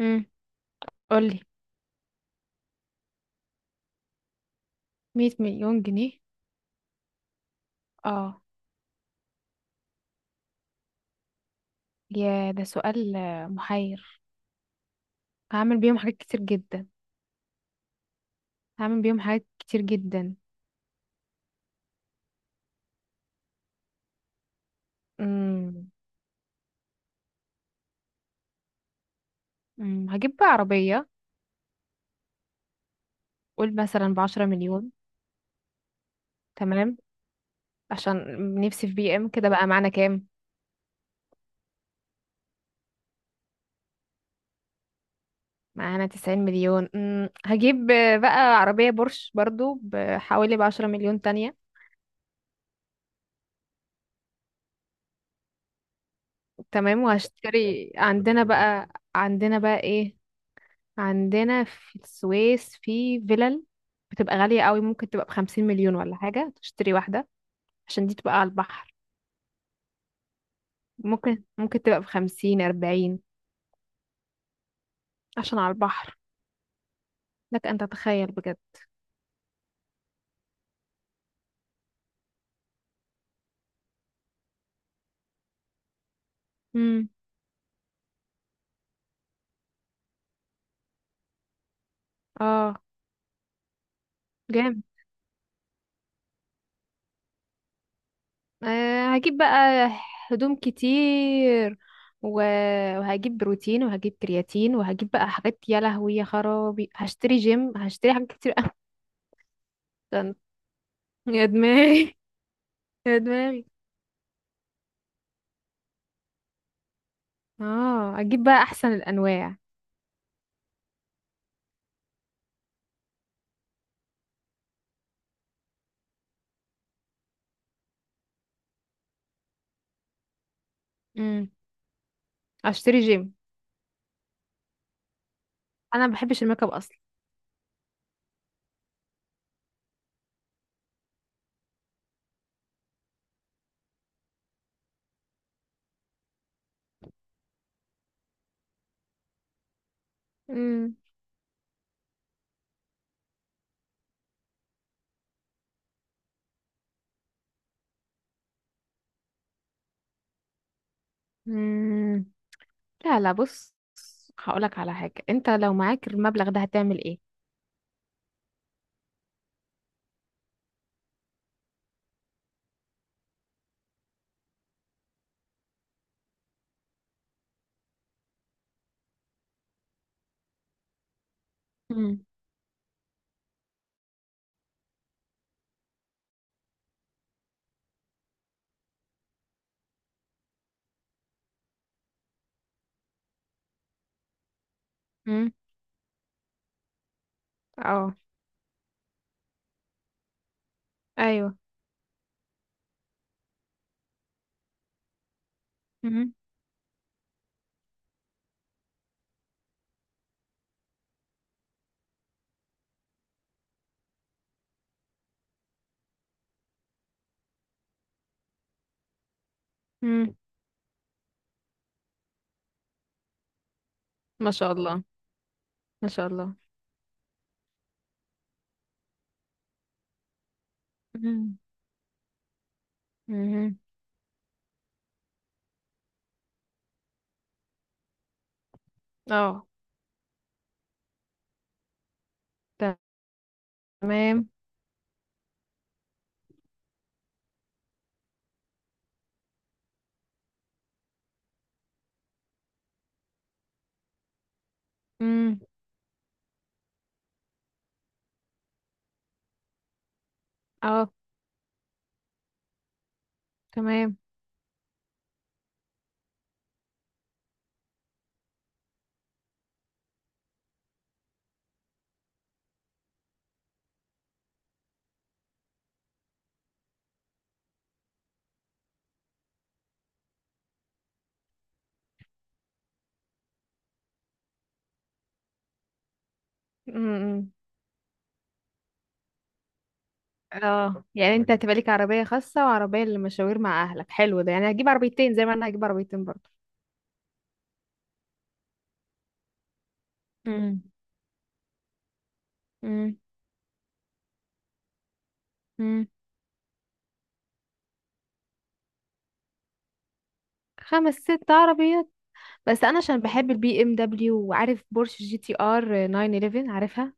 امم قولي. 100 مليون جنيه. اه، يا ده سؤال محير. هعمل بيهم حاجات كتير جدا. هعمل بيهم حاجات كتير جدا. امم هجيب بقى عربية. قول مثلا ب10 مليون. تمام، عشان نفسي في بي ام كده بقى، معانا كام؟ معانا 90 مليون. هجيب بقى عربية بورش برضو بحوالي ب10 مليون تانية. تمام، وهشتري عندنا بقى. عندنا بقى ايه؟ عندنا في السويس في فيلل، بتبقى غالية قوي، ممكن تبقى ب50 مليون ولا حاجة، تشتري واحدة عشان دي تبقى على البحر. ممكن تبقى ب50 أربعين عشان على البحر. لك أن تتخيل بجد. مم. اه جامد. آه هجيب بقى هدوم كتير و- وهجيب بروتين، وهجيب كرياتين، وهجيب بقى حاجات، يا لهوي يا خرابي، هشتري جيم، هشتري حاجات كتير أوي. يا دماغي يا دماغي. اه اجيب بقى احسن الانواع. مم. اشتري جيم. انا ما بحبش الميك اب اصلا. امم مم. لا بص، هقولك على حاجة، انت لو معاك المبلغ ده هتعمل ايه؟ امم مم. اه. ايوه. مم. مم. ما شاء الله، ما شاء الله. مم. مم. اه تمام. مم. اه تمام. مم. اه، يعني انت هتبقى ليك عربية خاصة وعربية للمشاوير مع اهلك، حلو ده، يعني هجيب عربيتين زي ما انا هجيب عربيتين برضه. امم مم. مم. خمس ست عربيات. بس انا عشان بحب البي ام دبليو، وعارف بورش جي تي ار 911 عارفها.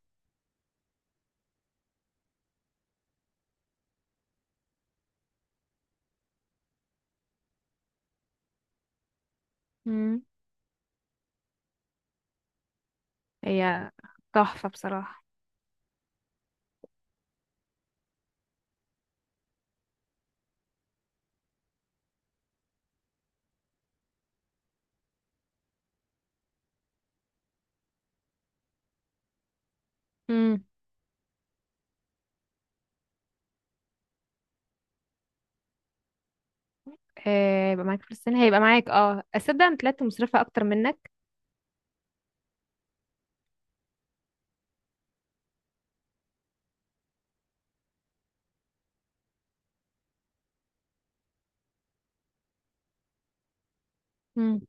امم هي تحفة بصراحة. امم يبقى معاك فلوس السنة، هيبقى معاك. اه اصدق انا طلعت مصرفة اكتر منك. امم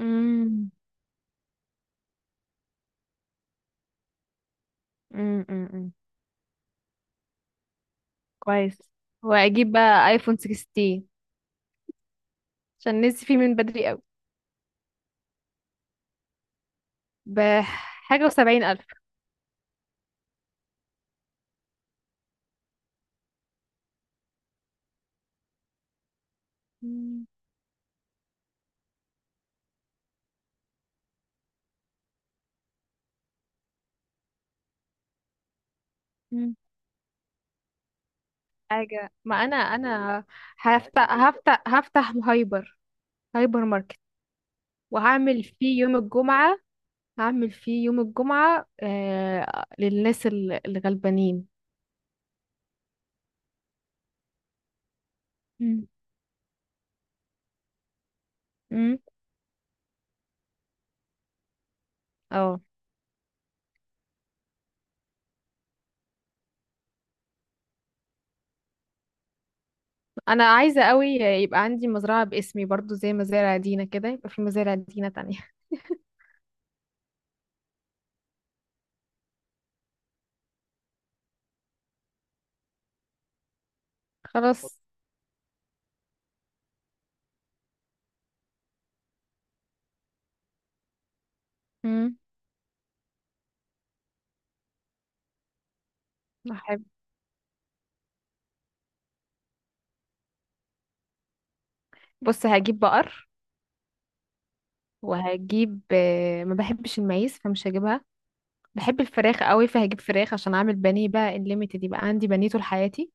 امم امم امم كويس. واجيب بقى ايفون 16، عشان نسي فيه من بدري قوي. بحاجة و70 الف. امم حاجة. ما انا انا هفتح هايبر، هايبر ماركت، وهعمل فيه يوم الجمعة. هعمل فيه يوم الجمعة للناس الغلبانين. مم. مم. اه، انا عايزة قوي يبقى عندي مزرعة باسمي برضو، زي مزارع دينا كده، يبقى في مزارع دينا تانية. خلاص. مم. هحب. بص، هجيب بقر، وهجيب ما بحبش المعيز فمش هجيبها. بحب الفراخ قوي فهجيب فراخ، عشان اعمل بانيه بقى الليميتد، يبقى عندي بانيه طول حياتي.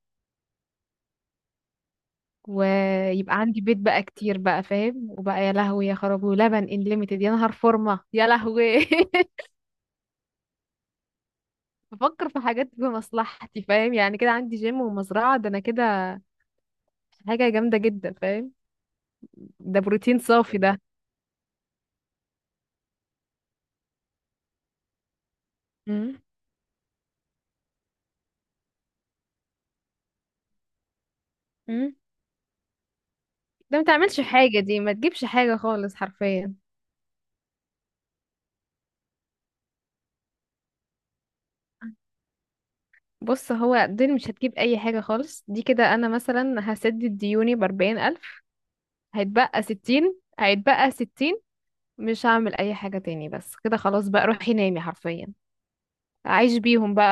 ويبقى عندي بيت بقى كتير بقى فاهم، وبقى يا لهوي يا خرابي، ولبن انليميتد، يا نهار فورمه، يا لهوي. بفكر في حاجات بمصلحتي، فاهم يعني، كده عندي جيم ومزرعة، ده انا كده حاجة جامدة جدا، فاهم؟ ده بروتين صافي ده. امم امم ده ما تعملش حاجة، دي ما تجيبش حاجة خالص حرفيا. بص هو دول مش هتجيب أي حاجة خالص، دي كده أنا مثلا هسدد ديوني ب40 ألف، هيتبقى 60، هيتبقى ستين. مش هعمل أي حاجة تاني، بس كده خلاص بقى، روحي نامي حرفيا، أعيش بيهم بقى،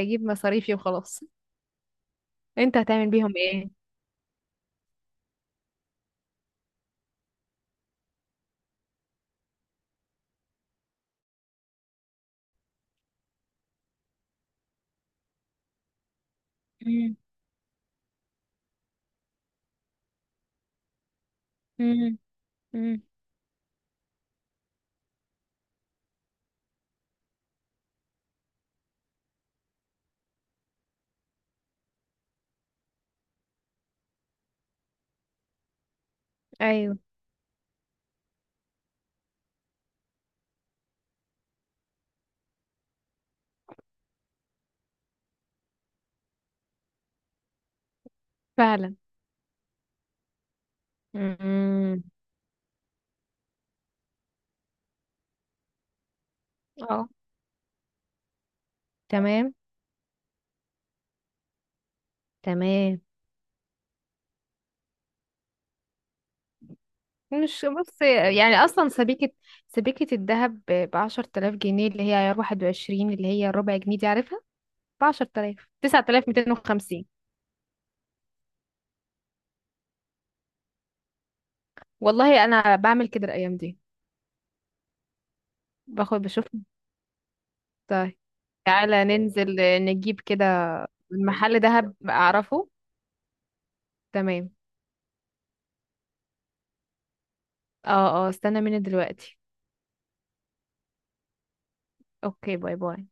أجيب مصاريفي وخلاص. أنت هتعمل بيهم إيه؟ امم امم ايوه. فعلا. امم اه تمام تمام. مش بص، يعني اصلا سبيكة، سبيكة الذهب ب10 تلاف جنيه، اللي هي عيار 21، اللي هي ربع جنيه دي عارفها، ب10 تلاف، 9250. والله انا بعمل كده الايام دي، باخد بشوف. طيب، تعالى ننزل نجيب كده من محل ذهب اعرفه. تمام. اه اه، استنى مني دلوقتي. اوكي باي باي.